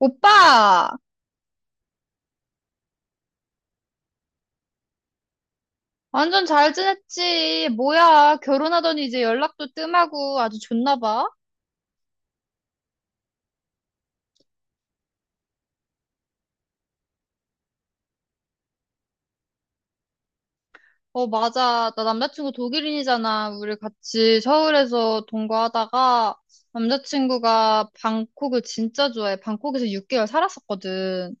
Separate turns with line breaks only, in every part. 오빠, 완전 잘 지냈지? 뭐야, 결혼하더니 이제 연락도 뜸하고 아주 좋나 봐? 어, 맞아. 나 남자친구 독일인이잖아. 우리 같이 서울에서 동거하다가 남자친구가 방콕을 진짜 좋아해. 방콕에서 6개월 살았었거든.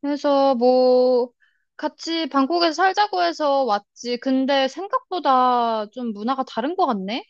그래서 뭐, 같이 방콕에서 살자고 해서 왔지. 근데 생각보다 좀 문화가 다른 것 같네?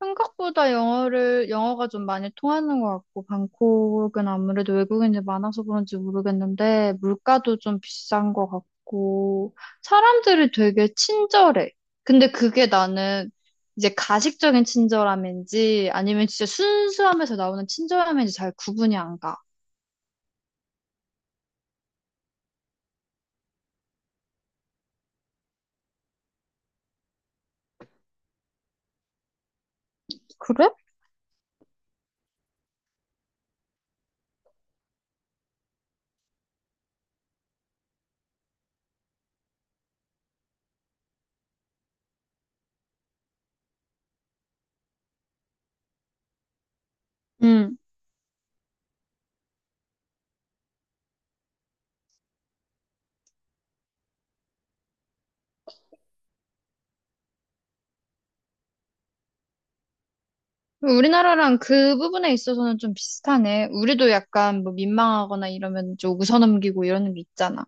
생각보다 영어가 좀 많이 통하는 것 같고, 방콕은 아무래도 외국인이 많아서 그런지 모르겠는데, 물가도 좀 비싼 것 같고, 사람들이 되게 친절해. 근데 그게 나는 이제 가식적인 친절함인지, 아니면 진짜 순수함에서 나오는 친절함인지 잘 구분이 안 가. 그래? 음. 우리나라랑 그 부분에 있어서는 좀 비슷하네. 우리도 약간 뭐 민망하거나 이러면 좀 웃어넘기고 이러는 게 있잖아.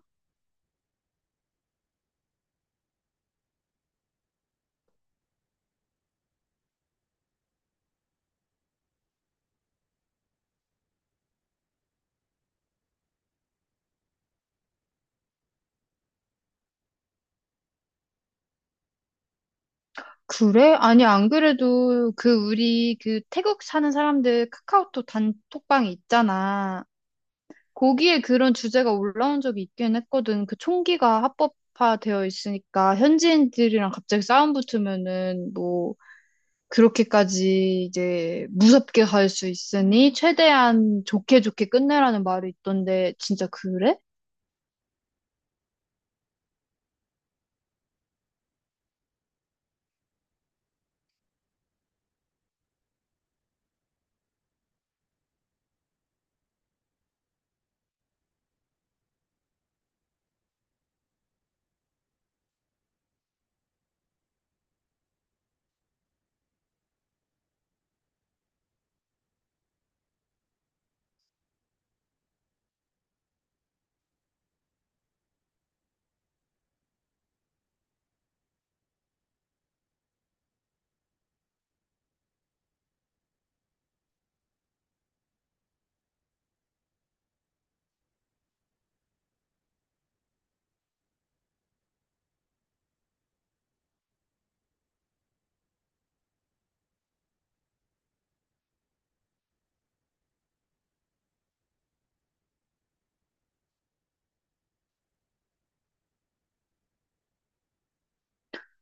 그래? 아니, 안 그래도 그 우리 그 태국 사는 사람들 카카오톡 단톡방 있잖아. 거기에 그런 주제가 올라온 적이 있긴 했거든. 그 총기가 합법화되어 있으니까 현지인들이랑 갑자기 싸움 붙으면은 뭐 그렇게까지 이제 무섭게 갈 수 있으니 최대한 좋게 좋게 끝내라는 말이 있던데 진짜 그래?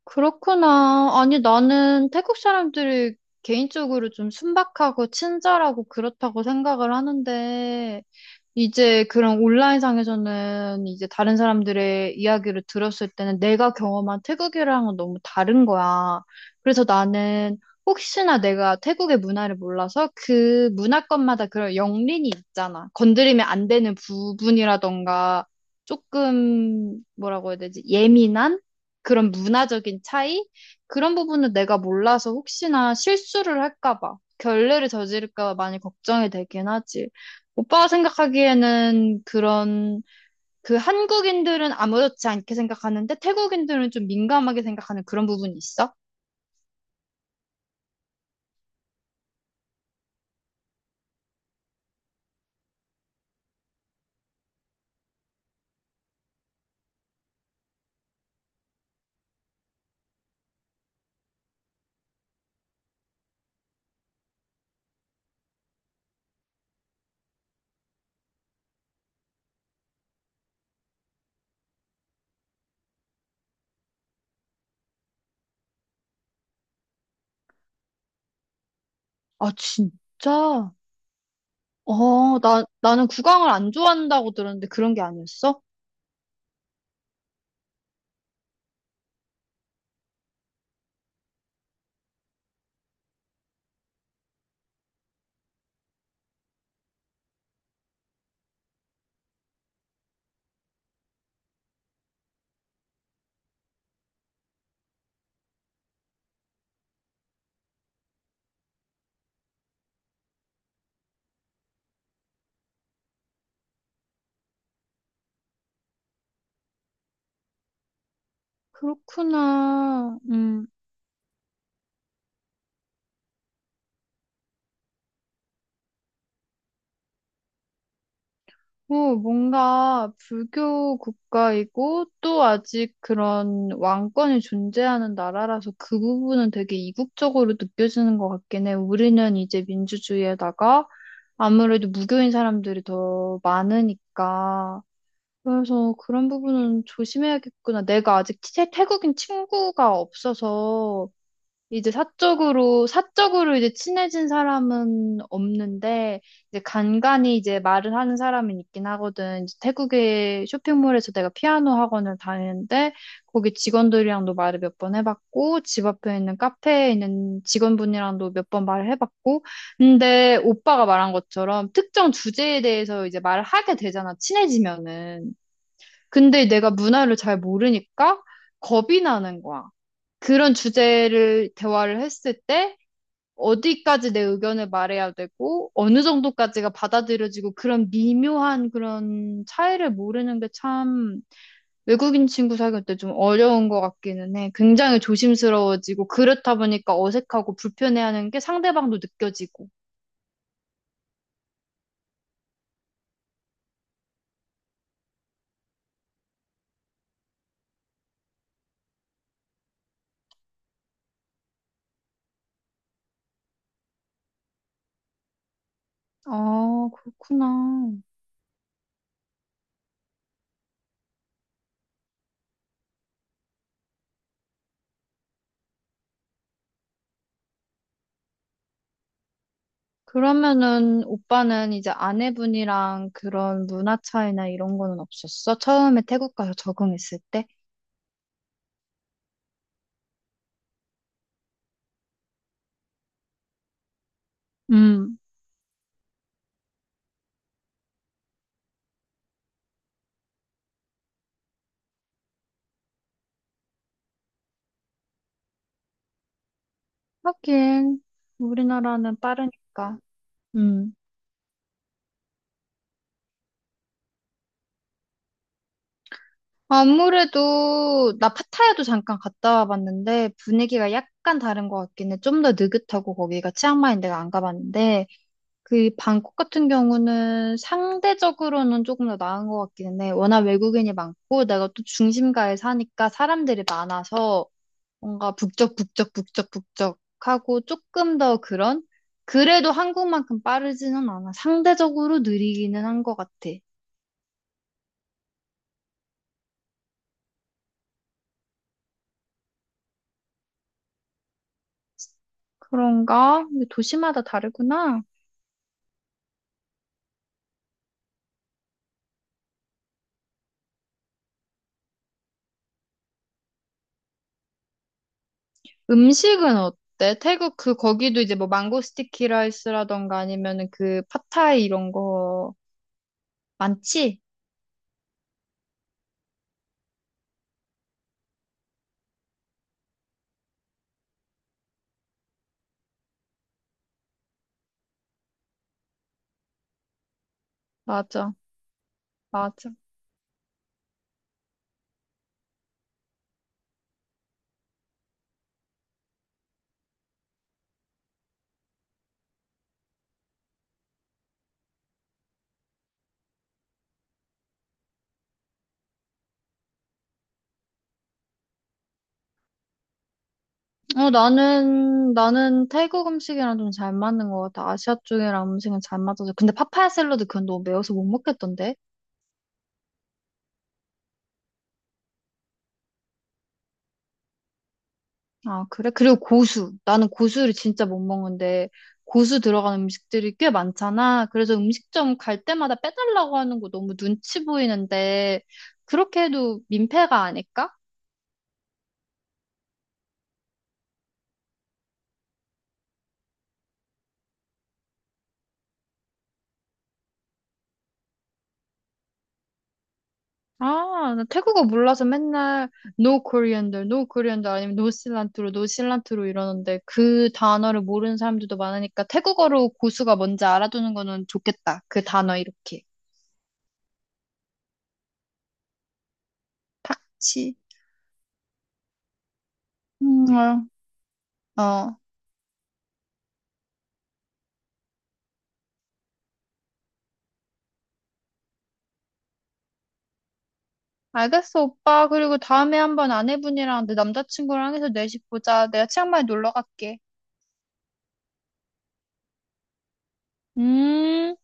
그렇구나. 아니, 나는 태국 사람들이 개인적으로 좀 순박하고 친절하고 그렇다고 생각을 하는데, 이제 그런 온라인상에서는 이제 다른 사람들의 이야기를 들었을 때는 내가 경험한 태국이랑은 너무 다른 거야. 그래서 나는 혹시나 내가 태국의 문화를 몰라서 그 문화권마다 그런 영린이 있잖아. 건드리면 안 되는 부분이라던가 조금 뭐라고 해야 되지? 예민한 그런 문화적인 차이? 그런 부분은 내가 몰라서 혹시나 실수를 할까 봐, 결례를 저지를까 봐 많이 걱정이 되긴 하지. 오빠가 생각하기에는 그런, 그 한국인들은 아무렇지 않게 생각하는데 태국인들은 좀 민감하게 생각하는 그런 부분이 있어? 아, 진짜? 어, 나는 국왕을 안 좋아한다고 들었는데 그런 게 아니었어? 그렇구나. 음. 어, 뭔가 불교 국가이고 또 아직 그런 왕권이 존재하는 나라라서 그 부분은 되게 이국적으로 느껴지는 것 같긴 해. 우리는 이제 민주주의에다가 아무래도 무교인 사람들이 더 많으니까. 그래서 그런 부분은 조심해야겠구나. 내가 아직 태국인 친구가 없어서 이제 사적으로 이제 친해진 사람은 없는데, 이제 간간이 이제 말을 하는 사람은 있긴 하거든. 이제 태국의 쇼핑몰에서 내가 피아노 학원을 다니는데, 거기 직원들이랑도 말을 몇 번 해봤고, 집 앞에 있는 카페에 있는 직원분이랑도 몇 번 말을 해봤고, 근데 오빠가 말한 것처럼 특정 주제에 대해서 이제 말을 하게 되잖아, 친해지면은. 근데 내가 문화를 잘 모르니까 겁이 나는 거야. 그런 주제를 대화를 했을 때 어디까지 내 의견을 말해야 되고 어느 정도까지가 받아들여지고 그런 미묘한 그런 차이를 모르는 게 참 외국인 친구 사귈 때 좀 어려운 것 같기는 해. 굉장히 조심스러워지고 그렇다 보니까 어색하고 불편해하는 게 상대방도 느껴지고. 아, 그렇구나. 그러면은 오빠는 이제 아내분이랑 그런 문화 차이나 이런 거는 없었어? 처음에 태국 가서 적응했을 때? 음. 하긴, 우리나라는 빠르니까. 음. 아무래도 나 파타야도 잠깐 갔다 와봤는데 분위기가 약간 다른 것 같긴 해. 좀 더 느긋하고 거기가 치앙마이 내가 안 가봤는데 그 방콕 같은 경우는 상대적으로는 조금 더 나은 것 같긴 해. 워낙 외국인이 많고 내가 또 중심가에 사니까 사람들이 많아서 뭔가 북적북적북적북적 하고 조금 더 그런 그래도 한국만큼 빠르지는 않아. 상대적으로 느리기는 한 것 같아. 그런가? 근데 도시마다 다르구나. 음식은 어때? 태국 그 거기도 이제 뭐 망고 스티키 라이스라던가 아니면은 그 팟타이 이런 거 많지? 맞아. 맞아. 어, 나는 태국 음식이랑 좀 잘 맞는 것 같아. 아시아 쪽이랑 음식은 잘 맞아서. 근데 파파야 샐러드 그건 너무 매워서 못 먹겠던데? 아, 그래? 그리고 고수. 나는 고수를 진짜 못 먹는데, 고수 들어간 음식들이 꽤 많잖아. 그래서 음식점 갈 때마다 빼달라고 하는 거 너무 눈치 보이는데, 그렇게 해도 민폐가 아닐까? 아, 나 태국어 몰라서 맨날 no coriander, no coriander 아니면 no cilantro, no cilantro 이러는데 그 단어를 모르는 사람들도 많으니까 태국어로 고수가 뭔지 알아두는 거는 좋겠다. 그 단어 이렇게. 팍치. 어. 어. 알겠어, 오빠. 그리고 다음에 한번 아내분이랑 내 남자친구랑 해서 내집 보자. 내가 치앙마이 놀러 갈게. 음.